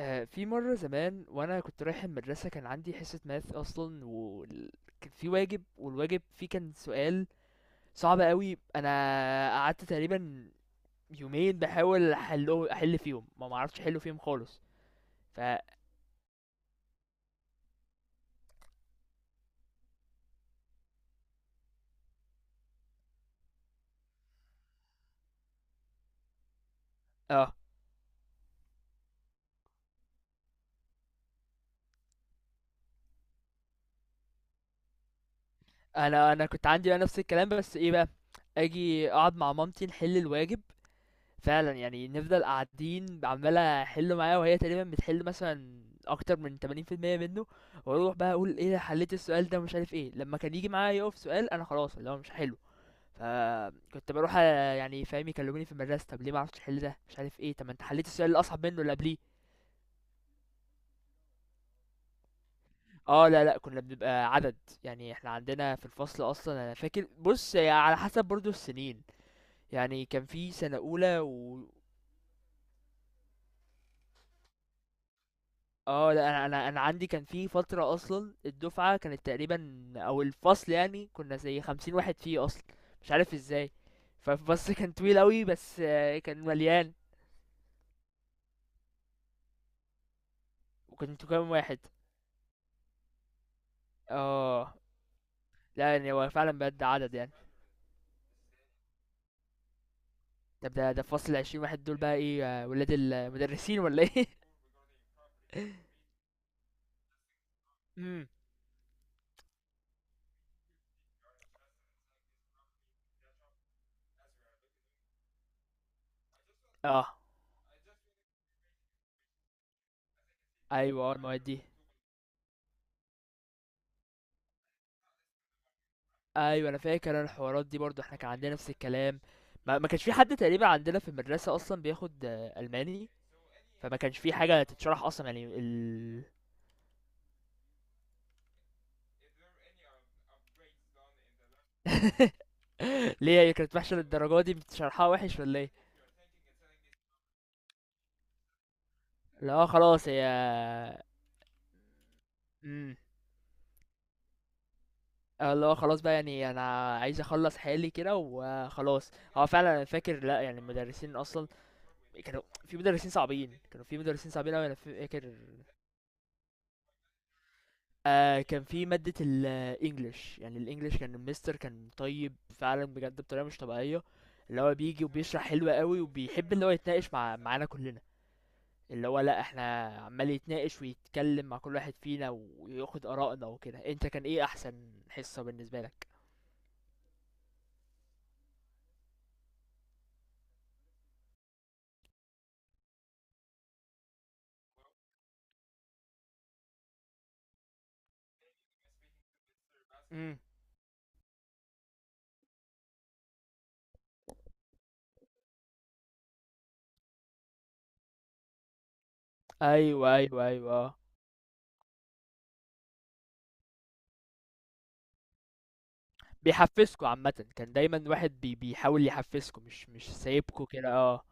في مرة زمان وانا كنت رايح المدرسة كان عندي حصة ماث اصلا، وكان في واجب، والواجب فيه كان سؤال صعب قوي. انا قعدت تقريبا يومين بحاول احل فيهم، ما معرفتش احله فيهم خالص. ف اه انا كنت عندي بقى نفس الكلام، بس ايه بقى، اجي اقعد مع مامتي نحل الواجب فعلًا. يعني نفضل قاعدين عمّال أحِل معاها، وهي تقريبًا بتحِل مثلًا أكتر من 80% منّه، وأروح بقى أقول إيه ده، حلّيت السؤال ده ومش عارف إيه. لمّا كان ييجي معايا يُقف سؤال، أنا خلاص اللي هو مش هاحِله. فكنت باروح يعني، فاهم، يكلّموني في المدرسة: "طَب ليه ما عرفتش تحِل ده؟ مش عارف إيه، طَب ما أنت حلّيت السؤال الأصعب منّه اللي قبليه." آه، لأ، لأ، كُنّا بنبقى عدد. يعني إحنا عندنا في الفصل أصلًا، أنا فاكر، بُص، هي على حسب برضه السِنين. يعني كان في سَنة أولى، و لأ، أنا عندي كان في فترة أصلًا، الدفعة كانت تقريبًا، أو الفصل يعني، كنا زي 50 واحد فيه أصلًا. مش عارف إزاي. فالفصل كان طويل أوي، بس آه، كان مليان. وكنتوا كام واحد؟ آه، لأ يعني هو فعلًا بجد عدد يعني. طب ده، الفصل ال20 واحد دول بقى إيه، آه، ولاد المدرسين والّا إيه؟ إمم، آه، أيوه، آه، المواد دي. أيوه، أنا فاكر، أنا الحوارات دي برضه، إحنا كان عندنا نفس الكلام. ما كانش في حد تقريبًا عندنا في المدرسة أصلًا بياخد آه، ألماني. فما كانش في حاجه تتشرح اصلا يعني ال... ليه هي كانت وحشه للدرجه دي؟ بتشرحها وحش ولا ايه؟ اللي هو خلاص هي، امم، اللي هو خلاص بقى يعني انا عايز اخلص حالي كده وخلاص. هو فعلا انا فاكر، لا يعني المدرسين اصلا كانوا، في مدرسين صعبين، كانوا في مدرسين صعبين قوي، انا فاكر. آه، كان في ماده الانجليش. يعني الانجليش كان المستر كان طيب فعلا بجد بطريقه مش طبيعيه، اللي هو بيجي وبيشرح حلو قوي، وبيحب اللي هو يتناقش معانا كلنا. اللي هو لأ، احنا عمال يتناقش ويتكلم مع كل واحد فينا وياخد آرائنا وكده. انت كان ايه أحسن حصة بالنسبة لك؟ امم، أيوه، أيوه، أيوه، آه، بيحفزكوا عامةً، كان دايمًا واحد بي بيحاول يحفزكوا، مش سايبكوا كده آه،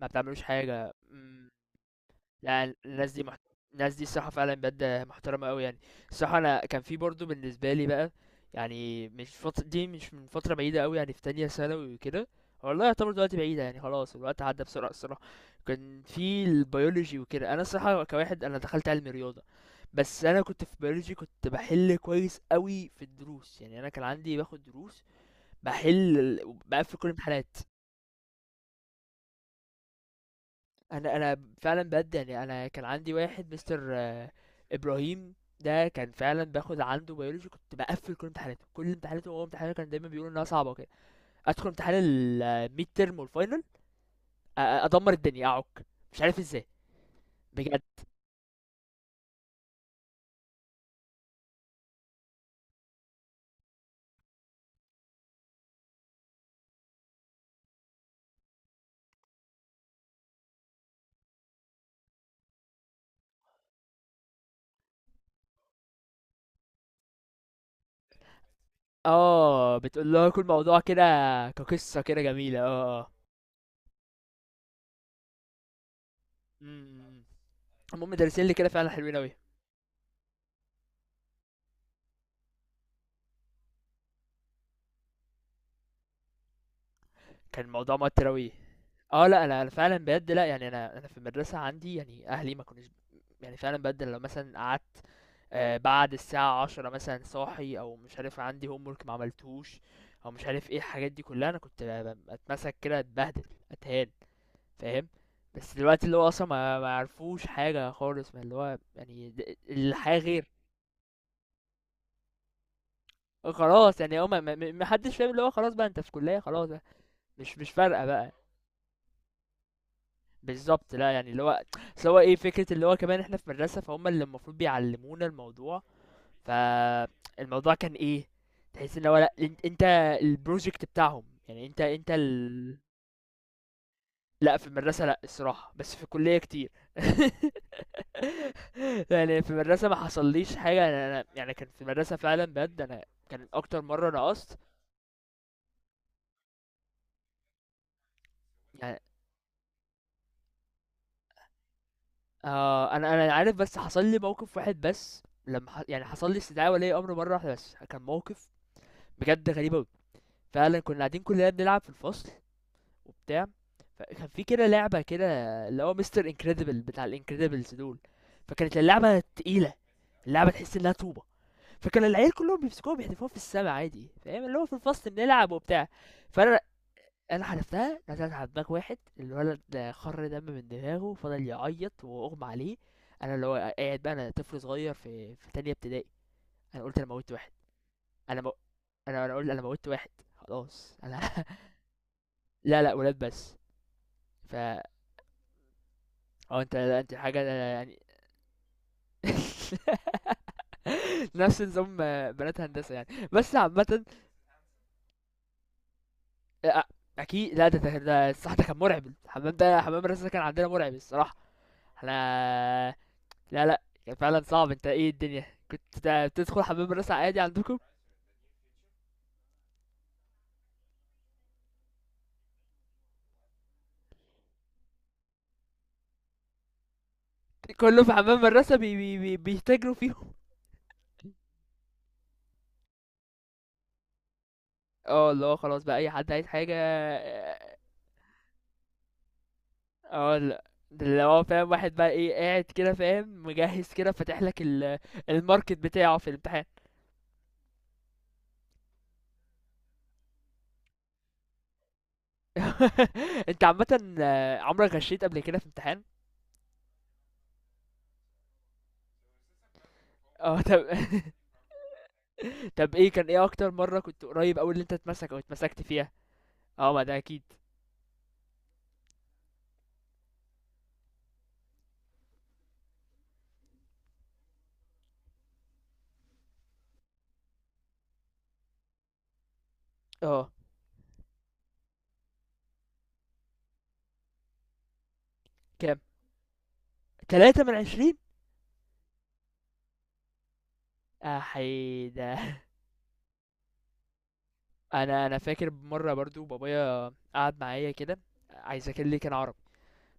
ما بتعملوش حاجة، لأ، الناس دي محت... الناس دي الصراحة فعلًا بجد محترمة أوي يعني. الصراحة أنا كان في برضه بالنسبة لي بقى يعني، مش فت دي مش من فترة بعيدة أوي يعني، في تانية ثانوي وكده. والله يعتبر دلوقتي بعيدة يعني، خلاص الوقت عدّى بسرعة الصراحة. كان في الbiology وكده. أنا الصراحة كواحد، أنا دخلت علمي رياضة، بس أنا كنت في biology كنت باحل كويس أوي في الدروس. يعني أنا كان عندي باخد دروس، باحل ال، وباقفل كل الامتحانات. انا فعلا بجد يعني، انا كان عندي واحد مستر آه، ابراهيم. ده كان فعلا باخد عنده بيولوجي، كنت بقفل كل امتحاناته. هو امتحانه كان دايما بيقول انها صعبه وكده. ادخل امتحان الميد ترم والفاينل، ادمر الدنيا اعك، مش عارف ازاي. بجد. اه، بتقول له كل موضوع كده كقصه كده جميله، اه، اه، أمم. المهم دارسين لي كده فعلا حلوين اوي. كان الموضوع موتر اوي. اه لا، انا أنا فعلا بجد، لا يعني، انا في المدرسه عندي يعني اهلي ما كانوش، يعني فعلا بجد لو مثلا قعدت آه، بعد الساعة 10 مثلا صاحي، أو مش عارف عندي homework معملتهوش، أو مش عارف ايه الحاجات دي كلها، أنا كنت أتمسك كده، أتبهدل، أتهان، فاهم. بس دلوقتي اللي هو أصلا ما عرفوش حاجة خالص. ما اللي هو يعني، الحياة غير. خلاص يعني هو، محدش فاهم اللي هو، خلاص بقى انت في كلية، خلاص بقى مش فارقة بقى. بالظبط، لا يعني اللي هو، اصل هو ايه فكرة اللي هو كمان، احنا في مدرسة فهم اللي المفروض بيعلمونا الموضوع. فالموضوع كان ايه، تحس ان هو لا، انت البروجكت بتاعهم يعني، انت ال... لا، في المدرسة لا الصراحة، بس في الكلية كتير. يعني في المدرسة ما حصليش حاجة، انا يعني كان في المدرسة فعلا بجد، انا كان اكتر مرة نقصت يعني. آه، انا عارف، بس حصل لي موقف واحد بس لما يعني حصل لي استدعاء ولي امر مرة واحدة بس، كان موقف بجد غريب اوي. فعلا كنا قاعدين كلنا بنلعب في الفصل وبتاع. فكان في كده لعبة كده، اللي هو مستر انكريدبل بتاع الانكريدبلز دول. فكانت اللعبة تقيلة، اللعبة تحس انها طوبة. فكان العيال كلهم بيمسكوها بيحدفوها في السما عادي، فاهم اللي هو، في الفصل بنلعب وبتاع. فانا انا حذفتها، نزلت على دماغ واحد الولد ده، خر دم من دماغه، فضل يعيط واغمى عليه. انا اللي هو قاعد بقى، انا طفل صغير في تانية ابتدائي، انا قلت انا موتت واحد. انا مو... انا قلت انا موتت واحد. خلاص انا. لا لا، ولاد بس. ف اه انت لا، انت حاجة يعني. نفس نظام بنات هندسة يعني، بس عامة. أ- أكيد، لا ده، ده الصح. ده كان مرعب، الحمام ده، حمام الرسا ده كان عندنا مرعب الصراحة. احنا، لا لا كان فعلا صعب. انت ايه الدنيا، كنت بتدخل حمام الرسا عادي عندكم؟ كله في حمام الرسا بي بيتاجروا فيهم، اه. اللي هو خلاص بقى اي حد عايز حاجة، اه. اه، لا ده اللي هو فاهم، واحد بقى ايه قاعد كده فاهم مجهز، كده فاتح لك ال- الماركت بتاعه في الامتحان. أنت عامةً آه، عمرك غشيت قبل كده في امتحان؟ آه، طب. طب إيه كان، إيه أكتر مرّة كنت قريب أوي إن أنت تتمسك أو اتمسكت فيها؟ آه، ما ده أكيد. آه، كام؟ 3/20؟ يا حي ده. أنا فاكر مرّة برضه بابايا قعد معايا كده، عايز أذاكر لي، كان عربي.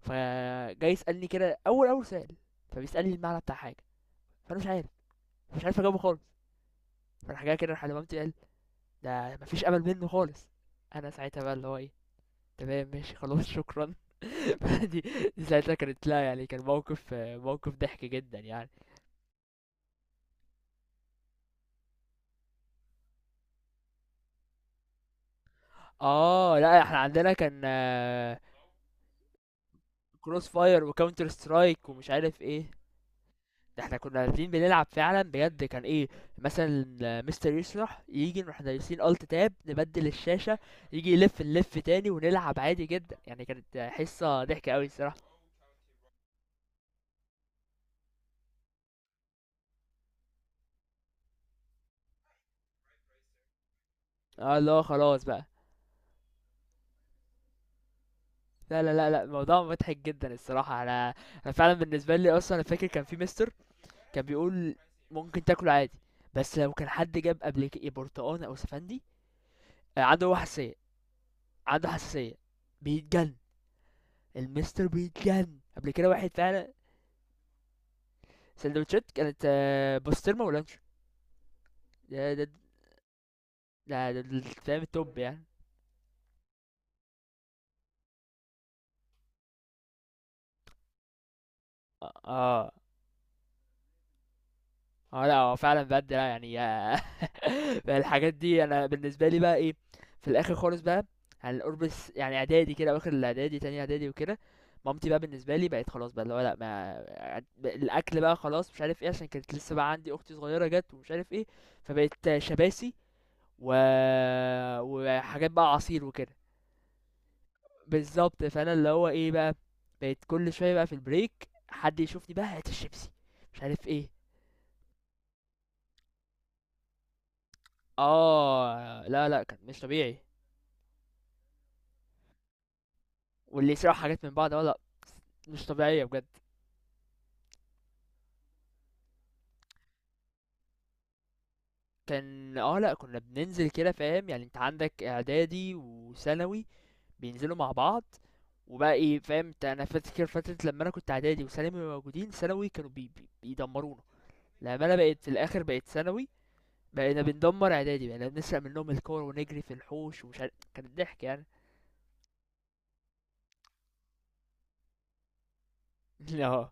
فجاي يسألني كده، أول سؤال، فبيسألني المعنى بتاع حاجة، فأنا مش عارف، مش عارف أجاوبه خالص. فراح جاي كده راح لمامتي قال: "ده ما فيش أمل منه خالص." أنا ساعتها بقى اللي هو إيه، تمام ماشي خلاص شكرًا. دي دي ساعتها كانت لا يعني، كان موقف، موقف ضحك جدا يعني. اه لا، احنا عندنا كان كروس فاير وكاونتر سترايك ومش عارف ايه ده. احنا كنا نازلين بنلعب فعلا بجد. كان ايه، مثلا مستر يشرح، يجي نروح دايسين الت تاب نبدل الشاشة، يجي يلف نلف تاني ونلعب عادي جدا يعني. كانت حصة ضحكة قوي الصراحة، اه. اللي هو خلاص بقى. لا، لا، لا، لا، الموضوع مضحك جدا الصراحة. انا فعلا بالنسبة لي اصلا، انا فاكر كان في مستر كان بيقول ممكن تاكله عادي، بس لو كان حد جاب قبل كده برتقان او سفندي آه، عنده هو حساسيه. عنده حساسيه بيتجن. المستر بيتجن قبل كده واحد فعلا. سندوتشات كانت آه، بسطرمه ولانشون. ده ده ده, ده فاهم التوب يعني، اه، اه. لأ هو فعلًا بجد لأ يعني. بقى الحاجات دي أنا بالنسبة لي بقى إيه، في الآخر خالص بقى، على قرب يعني إعدادي كده أواخر الإعدادي، تانية إعدادي وكده. مامتي بقى بالنسبة لي بقت خلاص بقى اللي هو لأ، ما الأكل بقى خلاص مش عارف إيه، عشان كانت لسه بقى عندي أختي صغيرة جات ومش عارف إيه. فبقت شباسي، و، وحاجات بقى عصير وكده. بالضبط، فأنا اللي هو إيه بقى، بقيت كل شوية بقى في البريك، حد يشوفني بقى هات الشيبسي، مش عارف إيه. آه، لأ، لأ، كان مش طبيعي. واللي يسرقوا حاجات من بعض، اه، لأ، مش طبيعية بجد. كان اه، لأ كنا بننزل كده فاهم، يعني انت عندك اعدادي وثانوي بينزلوا مع بعض، وبقى ايه فاهم انت. انا فاكر فترة لما انا كنت اعدادي وثانوي موجودين، ثانوي كانوا بي بيدمرونا. لما انا بقيت في الاخر بقيت ثانوي، بقينا بندمر اعدادي، بقينا بنسرق منهم الكور ونجري في الحوش ومش عارف. كان الضحك يعني. اه.